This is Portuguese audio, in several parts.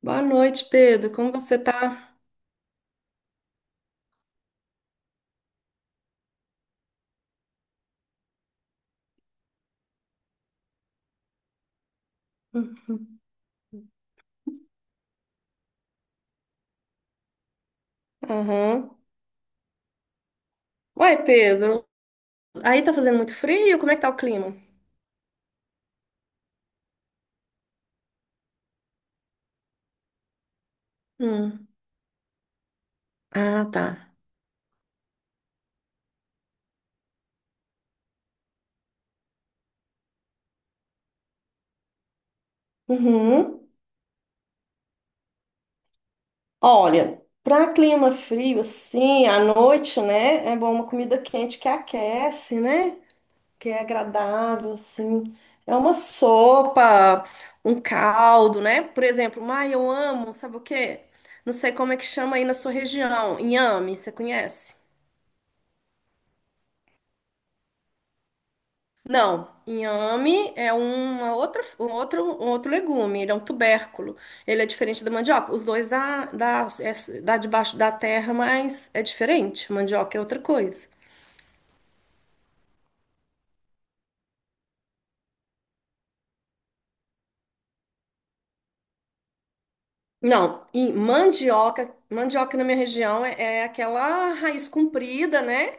Boa noite, Pedro. Como você tá? Uhum. Aham. Uai, Pedro, aí tá fazendo muito frio? Como é que tá o clima? Hum. Ah, tá. Uhum. Olha, pra clima frio, assim, à noite, né? É bom uma comida quente que aquece, né? Que é agradável, assim. É uma sopa, um caldo, né? Por exemplo, mas eu amo, sabe o quê? Não sei como é que chama aí na sua região. Inhame, você conhece? Não, inhame é uma outra, um outro legume, ele é um tubérculo. Ele é diferente da mandioca. Os dois dá, dá debaixo da terra, mas é diferente. Mandioca é outra coisa. Não, e mandioca, mandioca na minha região é, é aquela raiz comprida, né?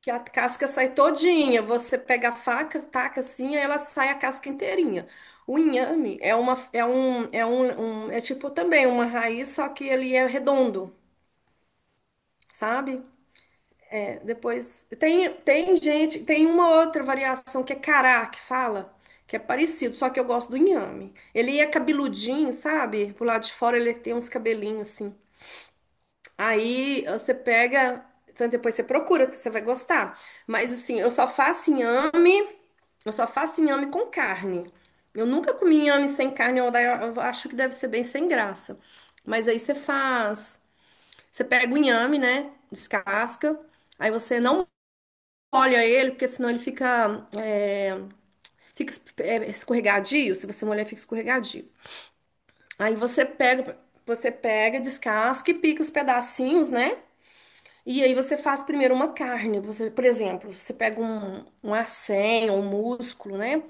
Que a casca sai todinha. Você pega a faca, taca assim, aí ela sai a casca inteirinha. O inhame é uma, é tipo também uma raiz, só que ele é redondo, sabe? Depois, tem gente, tem uma outra variação que é cará, que fala, que é parecido, só que eu gosto do inhame. Ele é cabeludinho, sabe? Por lado de fora ele tem uns cabelinhos assim. Aí você pega, então depois você procura, que você vai gostar. Mas assim, eu só faço inhame, eu só faço inhame com carne. Eu nunca comi inhame sem carne, eu acho que deve ser bem sem graça. Mas aí você faz, você pega o inhame, né? Descasca. Aí você não molha ele, porque senão ele fica, escorregadio. Se você molhar, fica escorregadio. Aí você pega, descasca e pica os pedacinhos, né? E aí você faz primeiro uma carne. Você, por exemplo, você pega um acém ou um músculo, né?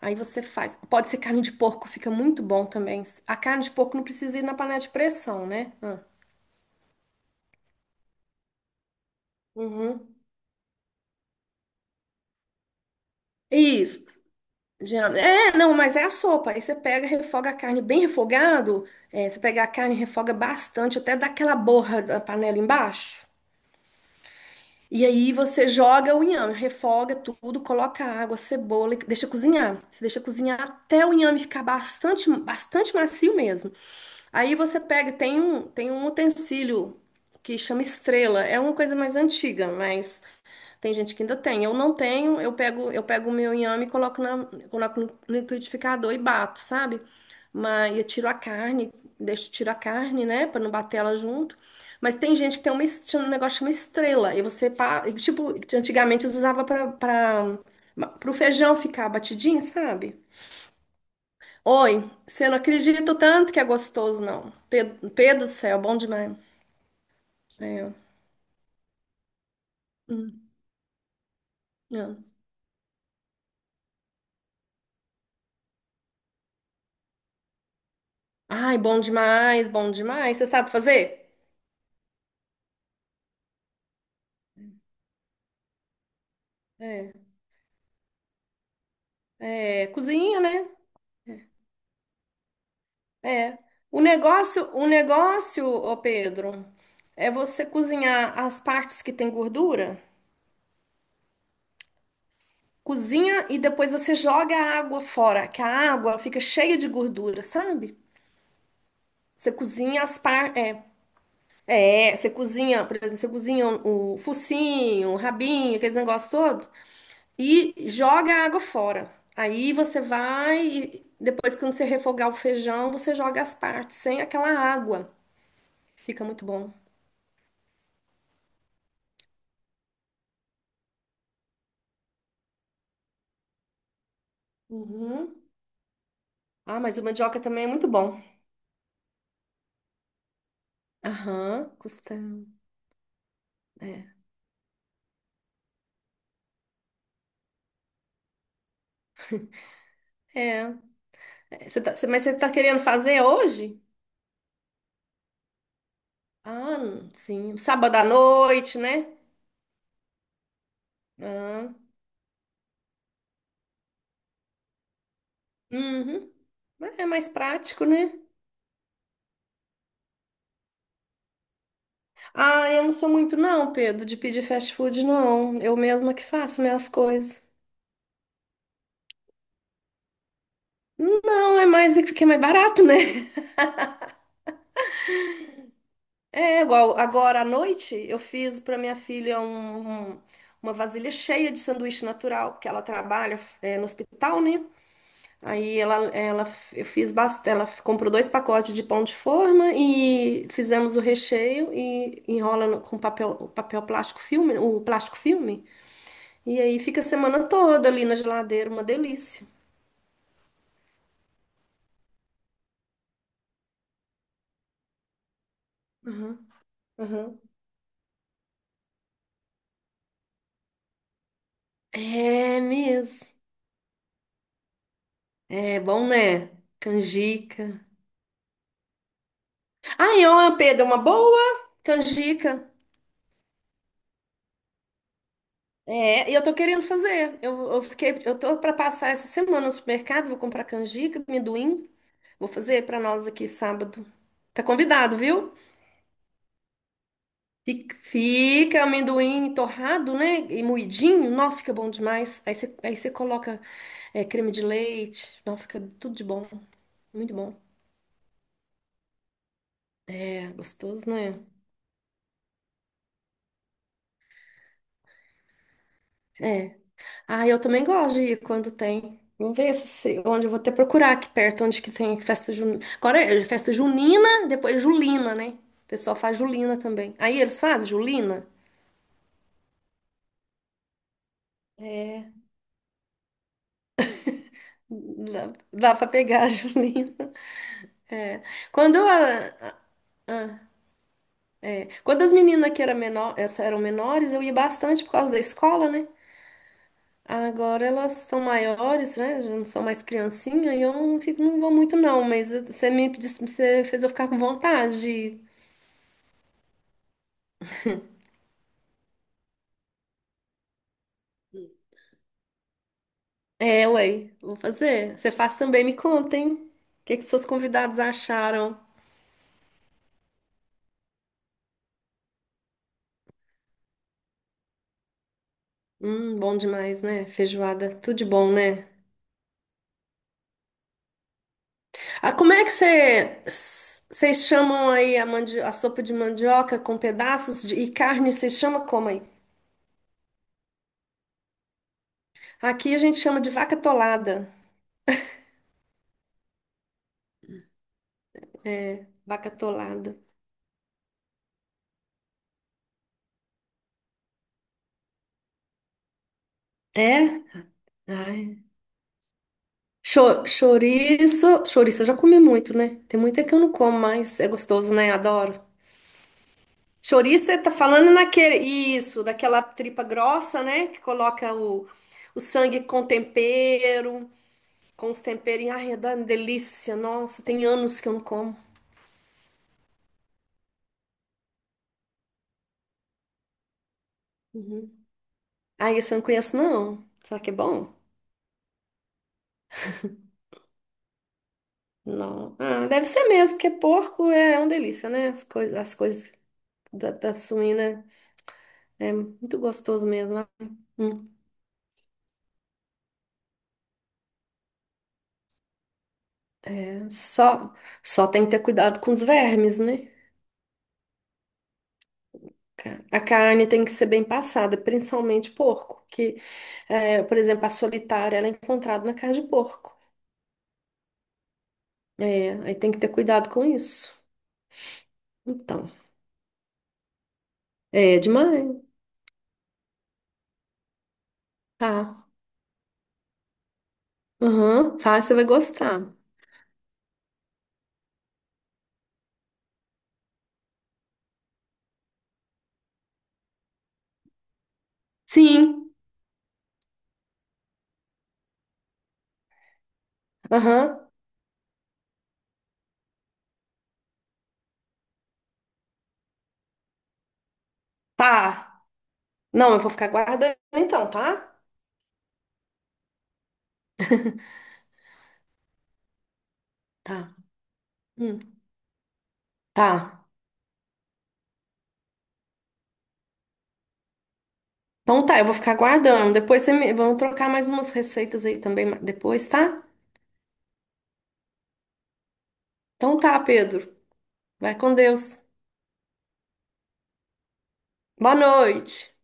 Aí você faz. Pode ser carne de porco, fica muito bom também. A carne de porco não precisa ir na panela de pressão, né? Ah, uhum. Isso. É, não, mas é a sopa. Aí você pega, refoga a carne bem refogado. É, você pega a carne, refoga bastante, até dar aquela borra da panela embaixo. E aí você joga o inhame, refoga tudo, coloca água, cebola, e deixa cozinhar. Você deixa cozinhar até o inhame ficar bastante, bastante macio mesmo. Aí você pega, tem um utensílio que chama estrela. É uma coisa mais antiga, mas tem gente que ainda tem. Eu não tenho, eu pego o meu inhame e coloco no liquidificador e bato, sabe? Mas eu tiro a carne, tiro a carne, né, pra não bater ela junto. Mas tem gente que tem uma, tinha um negócio que chama estrela, e você, tipo, antigamente usava pra para o feijão ficar batidinho, sabe? Oi, você não acredita o tanto que é gostoso, não. Pedro, Pedro do céu, bom demais. É. Hum, não. Ai, bom demais, bom demais. Você sabe fazer? É. É, cozinha, né? É. O negócio, ô Pedro, é você cozinhar as partes que tem gordura, cozinha e depois você joga a água fora, que a água fica cheia de gordura, sabe? Você cozinha as partes. Você cozinha, por exemplo, você cozinha o focinho, o rabinho, aqueles negócios todo, e joga a água fora. Aí você vai, e depois quando você refogar o feijão, você joga as partes sem aquela água. Fica muito bom. Uhum. Ah, mas o mandioca também é muito bom. Aham, costela. É. É. É, mas você tá querendo fazer hoje? Sim. Sábado à noite, né? Ah, uhum. É mais prático, né? Ah, eu não sou muito, não, Pedro, de pedir fast food, não. Eu mesma que faço minhas coisas. Não, é mais porque é mais barato, né? É igual agora à noite eu fiz para minha filha uma vasilha cheia de sanduíche natural, porque ela trabalha é, no hospital, né? Aí ela eu fiz bastante, ela comprou dois pacotes de pão de forma e fizemos o recheio e enrola com papel, papel plástico filme, o plástico filme, e aí fica a semana toda ali na geladeira, uma delícia. Uhum, uhum. É mesmo. É bom, né? Canjica. Ai, ó, Pedro, uma boa canjica. É, e eu tô querendo fazer. Eu fiquei, eu tô para passar essa semana no supermercado, vou comprar canjica, amendoim, vou fazer para nós aqui sábado. Tá convidado, viu? Fica, fica amendoim torrado, né? E moidinho, não, fica bom demais. Aí você coloca é, creme de leite, não, fica tudo de bom. Muito bom. É, gostoso, né? É. Ah, eu também gosto de ir quando tem. Vamos ver onde eu vou até procurar aqui perto, onde que tem festa junina. Agora é festa junina, depois julina, né? O pessoal faz julina também. Aí eles fazem julina? É, dá, dá pra pegar a julina. É. Quando, eu, ah, ah, ah, é. Quando as meninas que eram menores, eu ia bastante por causa da escola, né? Agora elas são maiores, né? Já não são mais criancinha, e eu não, fico- não vou muito, não. Mas você fez eu ficar com vontade. É, ué, vou fazer. Você faz também, me conta, hein? O que que seus convidados acharam? Bom demais, né? Feijoada, tudo de bom, né? Ah, como é que você, vocês chamam aí a, a sopa de mandioca com pedaços de, e carne, vocês chamam como aí? Aqui a gente chama de vaca tolada. É, vaca tolada. É? Ai. Chouriço, chouriço eu já comi muito, né? Tem muito é que eu não como, mas é gostoso, né? Adoro. Chouriço, você tá falando naquele, isso, daquela tripa grossa, né? Que coloca o sangue com tempero, com os temperos. Ai, delícia. Nossa, tem anos que eu não como. Uhum. Ai, esse eu não conheço, não. Será que é bom? Não. Ah, deve ser mesmo, porque porco é uma delícia, né? As coisas da, da suína é muito gostoso mesmo. Né? Hum. Só, só tem que ter cuidado com os vermes, né? A carne tem que ser bem passada, principalmente porco, que, é, por exemplo, a solitária ela é encontrada na carne de porco. É, aí tem que ter cuidado com isso. Então, é demais. Tá. Aham. Tá, você vai gostar. Sim. Aham. Tá. Não, eu vou ficar guardando então, tá? Tá. Hum. Tá. Então tá, eu vou ficar guardando. Depois você me... vamos trocar mais umas receitas aí também depois, tá? Então tá, Pedro. Vai com Deus. Boa noite.